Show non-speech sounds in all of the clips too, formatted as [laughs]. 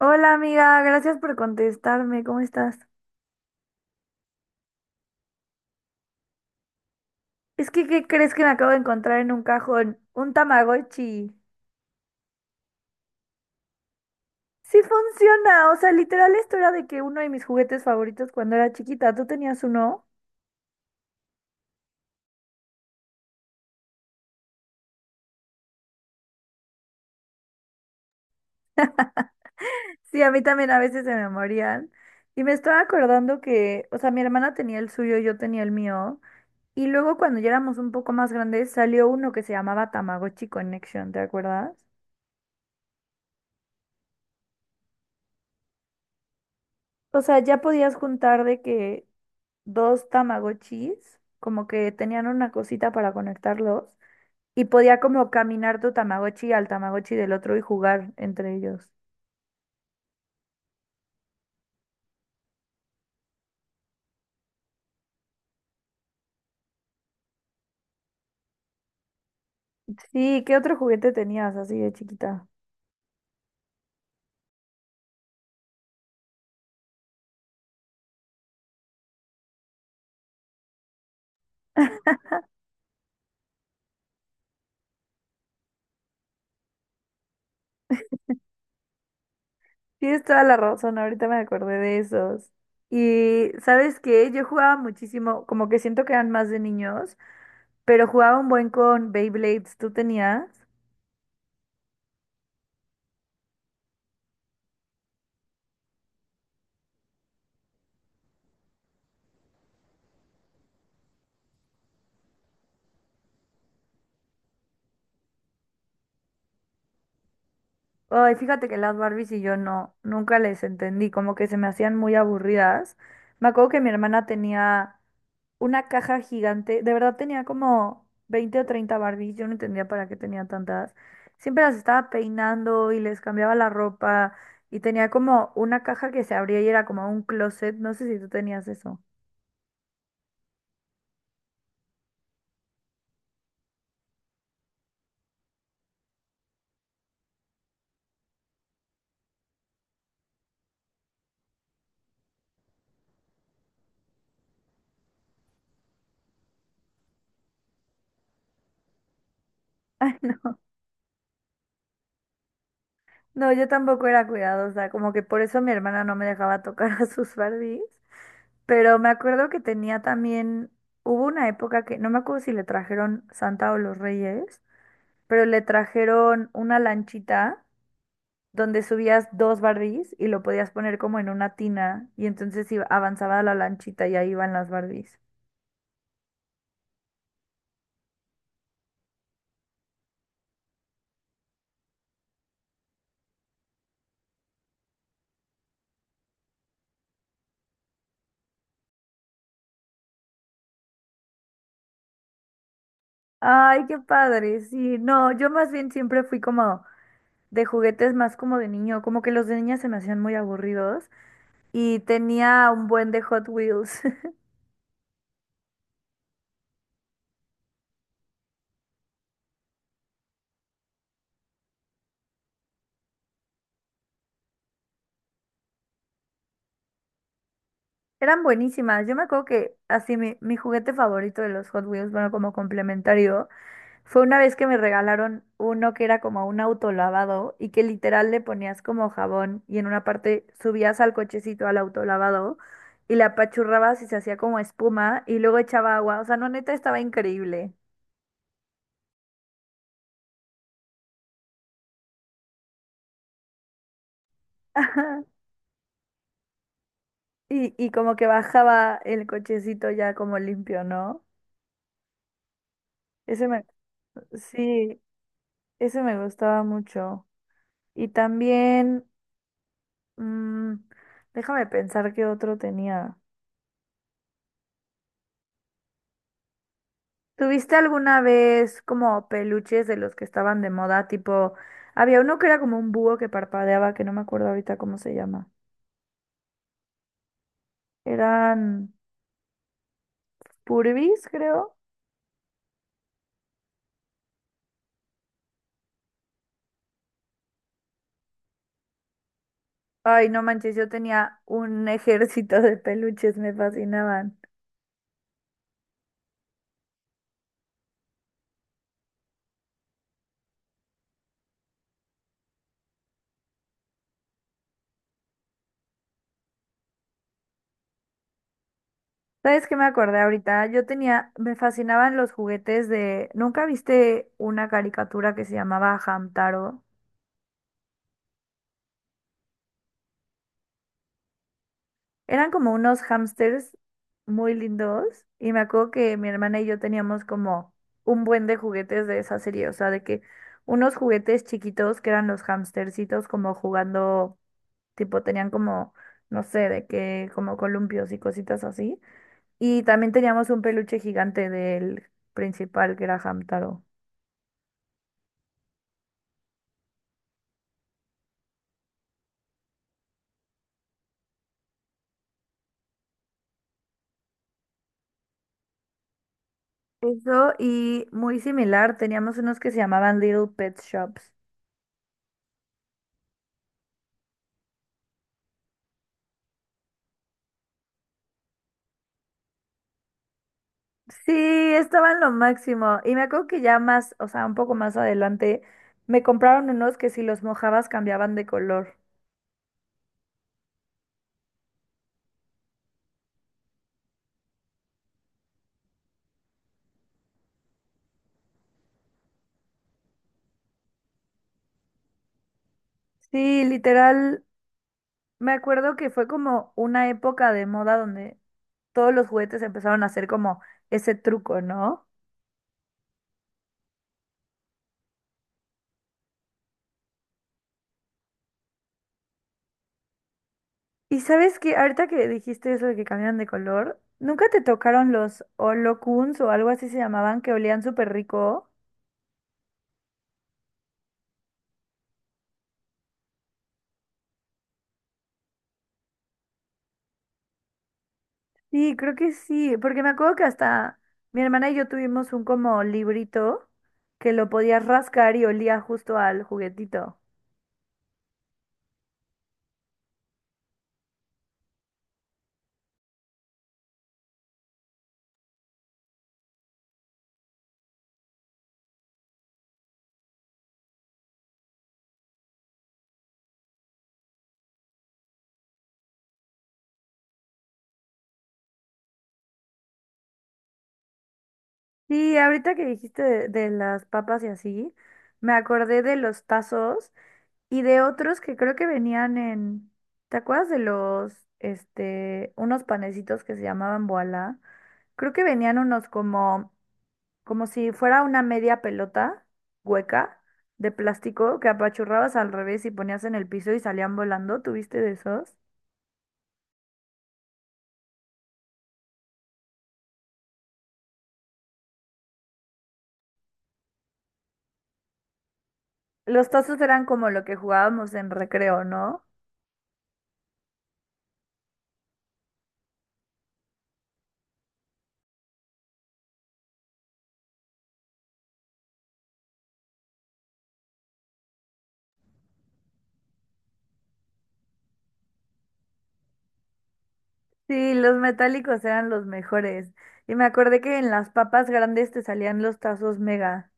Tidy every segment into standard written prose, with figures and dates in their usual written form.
Hola amiga, gracias por contestarme, ¿cómo estás? Es que, ¿qué crees que me acabo de encontrar en un cajón? Un Tamagotchi. Sí funciona, o sea, literal esto era de que uno de mis juguetes favoritos cuando era chiquita, ¿tú tenías uno? Sí, a mí también a veces se me morían. Y me estaba acordando que, o sea, mi hermana tenía el suyo, yo tenía el mío. Y luego cuando ya éramos un poco más grandes salió uno que se llamaba Tamagotchi Connection, ¿te acuerdas? O sea, ya podías juntar de que dos Tamagotchis, como que tenían una cosita para conectarlos y podía como caminar tu Tamagotchi al Tamagotchi del otro y jugar entre ellos. Sí, ¿qué otro juguete tenías así de chiquita? Tienes toda la razón, ahorita me acordé de esos. Y ¿sabes qué? Yo jugaba muchísimo, como que siento que eran más de niños, pero jugaba un buen con Beyblades, ¿tú tenías? Ay, fíjate que las Barbies y yo no, nunca les entendí, como que se me hacían muy aburridas. Me acuerdo que mi hermana tenía una caja gigante. De verdad tenía como 20 o 30 Barbies. Yo no entendía para qué tenía tantas. Siempre las estaba peinando y les cambiaba la ropa. Y tenía como una caja que se abría y era como un closet. No sé si tú tenías eso. [laughs] Ay, no. No, yo tampoco era cuidadosa. Como que por eso mi hermana no me dejaba tocar [laughs] a sus Barbies. Pero me acuerdo que tenía también, hubo una época que, no me acuerdo si le trajeron Santa o los Reyes, pero le trajeron una lanchita donde subías dos Barbies y lo podías poner como en una tina y entonces avanzaba la lanchita y ahí iban las Barbies. Ay, qué padre, sí, no, yo más bien siempre fui como de juguetes más como de niño, como que los de niña se me hacían muy aburridos y tenía un buen de Hot Wheels. [laughs] Eran buenísimas. Yo me acuerdo que así mi juguete favorito de los Hot Wheels, bueno, como complementario, fue una vez que me regalaron uno que era como un autolavado y que literal le ponías como jabón y en una parte subías al cochecito al autolavado y la apachurrabas y se hacía como espuma y luego echaba agua. O sea, no, neta, estaba increíble. [laughs] Ajá. Y como que bajaba el cochecito ya como limpio, ¿no? Ese me, sí, ese me gustaba mucho. Y también. Mm, déjame pensar qué otro tenía. ¿Tuviste alguna vez como peluches de los que estaban de moda? Tipo, había uno que era como un búho que parpadeaba, que no me acuerdo ahorita cómo se llama. Eran Furbies, creo. Ay, no manches, yo tenía un [laughs] ejército de peluches, me fascinaban. ¿Sabes qué me acordé ahorita? Yo tenía, me fascinaban los juguetes de… ¿Nunca viste una caricatura que se llamaba Hamtaro? Eran como unos hámsters muy lindos y me acuerdo que mi hermana y yo teníamos como un buen de juguetes de esa serie, o sea, de que unos juguetes chiquitos que eran los hamstercitos como jugando, tipo tenían como, no sé, de que como columpios y cositas así. Y también teníamos un peluche gigante del principal que era Hamtaro. Eso y muy similar, teníamos unos que se llamaban Little Pet Shops. Sí, estaban lo máximo. Y me acuerdo que ya más, o sea, un poco más adelante, me compraron unos que si los mojabas cambiaban de color. Sí, literal, me acuerdo que fue como una época de moda donde todos los juguetes empezaron a hacer como ese truco, ¿no? Y sabes que ahorita que dijiste eso de que cambiaban de color, ¿nunca te tocaron los Olocuns o algo así se llamaban que olían súper rico? Sí, creo que sí, porque me acuerdo que hasta mi hermana y yo tuvimos un como librito que lo podías rascar y olía justo al juguetito. Sí, ahorita que dijiste de las papas y así, me acordé de los tazos y de otros que creo que venían en, ¿te acuerdas de los, este, unos panecitos que se llamaban boala? Creo que venían unos como como si fuera una media pelota hueca de plástico que apachurrabas al revés y ponías en el piso y salían volando. ¿Tuviste de esos? Los tazos eran como lo que jugábamos en recreo, ¿no? Sí, los metálicos eran los mejores. Y me acordé que en las papas grandes te salían los tazos mega.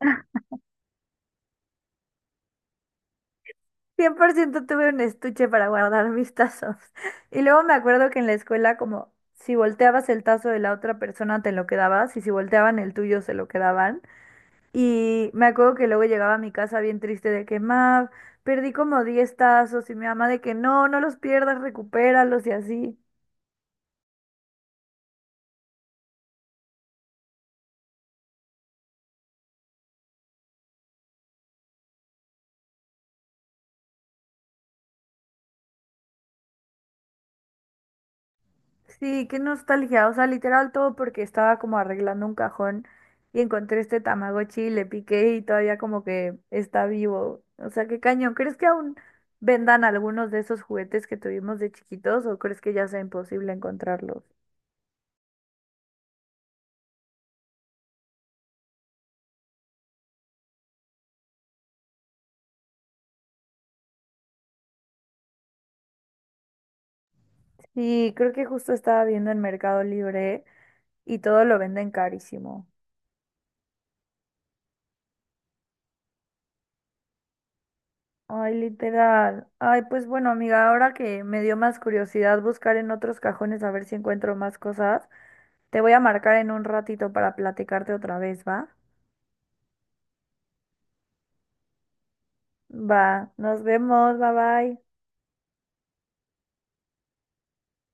[laughs] 100% tuve un estuche para guardar mis tazos. [laughs] Y luego me acuerdo que en la escuela, como si volteabas el tazo de la otra persona, te lo quedabas, y si volteaban el tuyo, se lo quedaban. Y me acuerdo que luego llegaba a mi casa bien triste de que, ma, perdí como 10 tazos y mi mamá de que no, no los pierdas, recupéralos y así. Sí, qué nostalgia, o sea, literal todo porque estaba como arreglando un cajón y encontré este Tamagotchi y le piqué y todavía como que está vivo. O sea, qué cañón. ¿Crees que aún vendan algunos de esos juguetes que tuvimos de chiquitos o crees que ya sea imposible encontrarlos? Sí, creo que justo estaba viendo en Mercado Libre y todo lo venden carísimo. Ay, literal. Ay, pues bueno, amiga, ahora que me dio más curiosidad buscar en otros cajones a ver si encuentro más cosas, te voy a marcar en un ratito para platicarte otra vez, ¿va? Va, nos vemos, bye bye.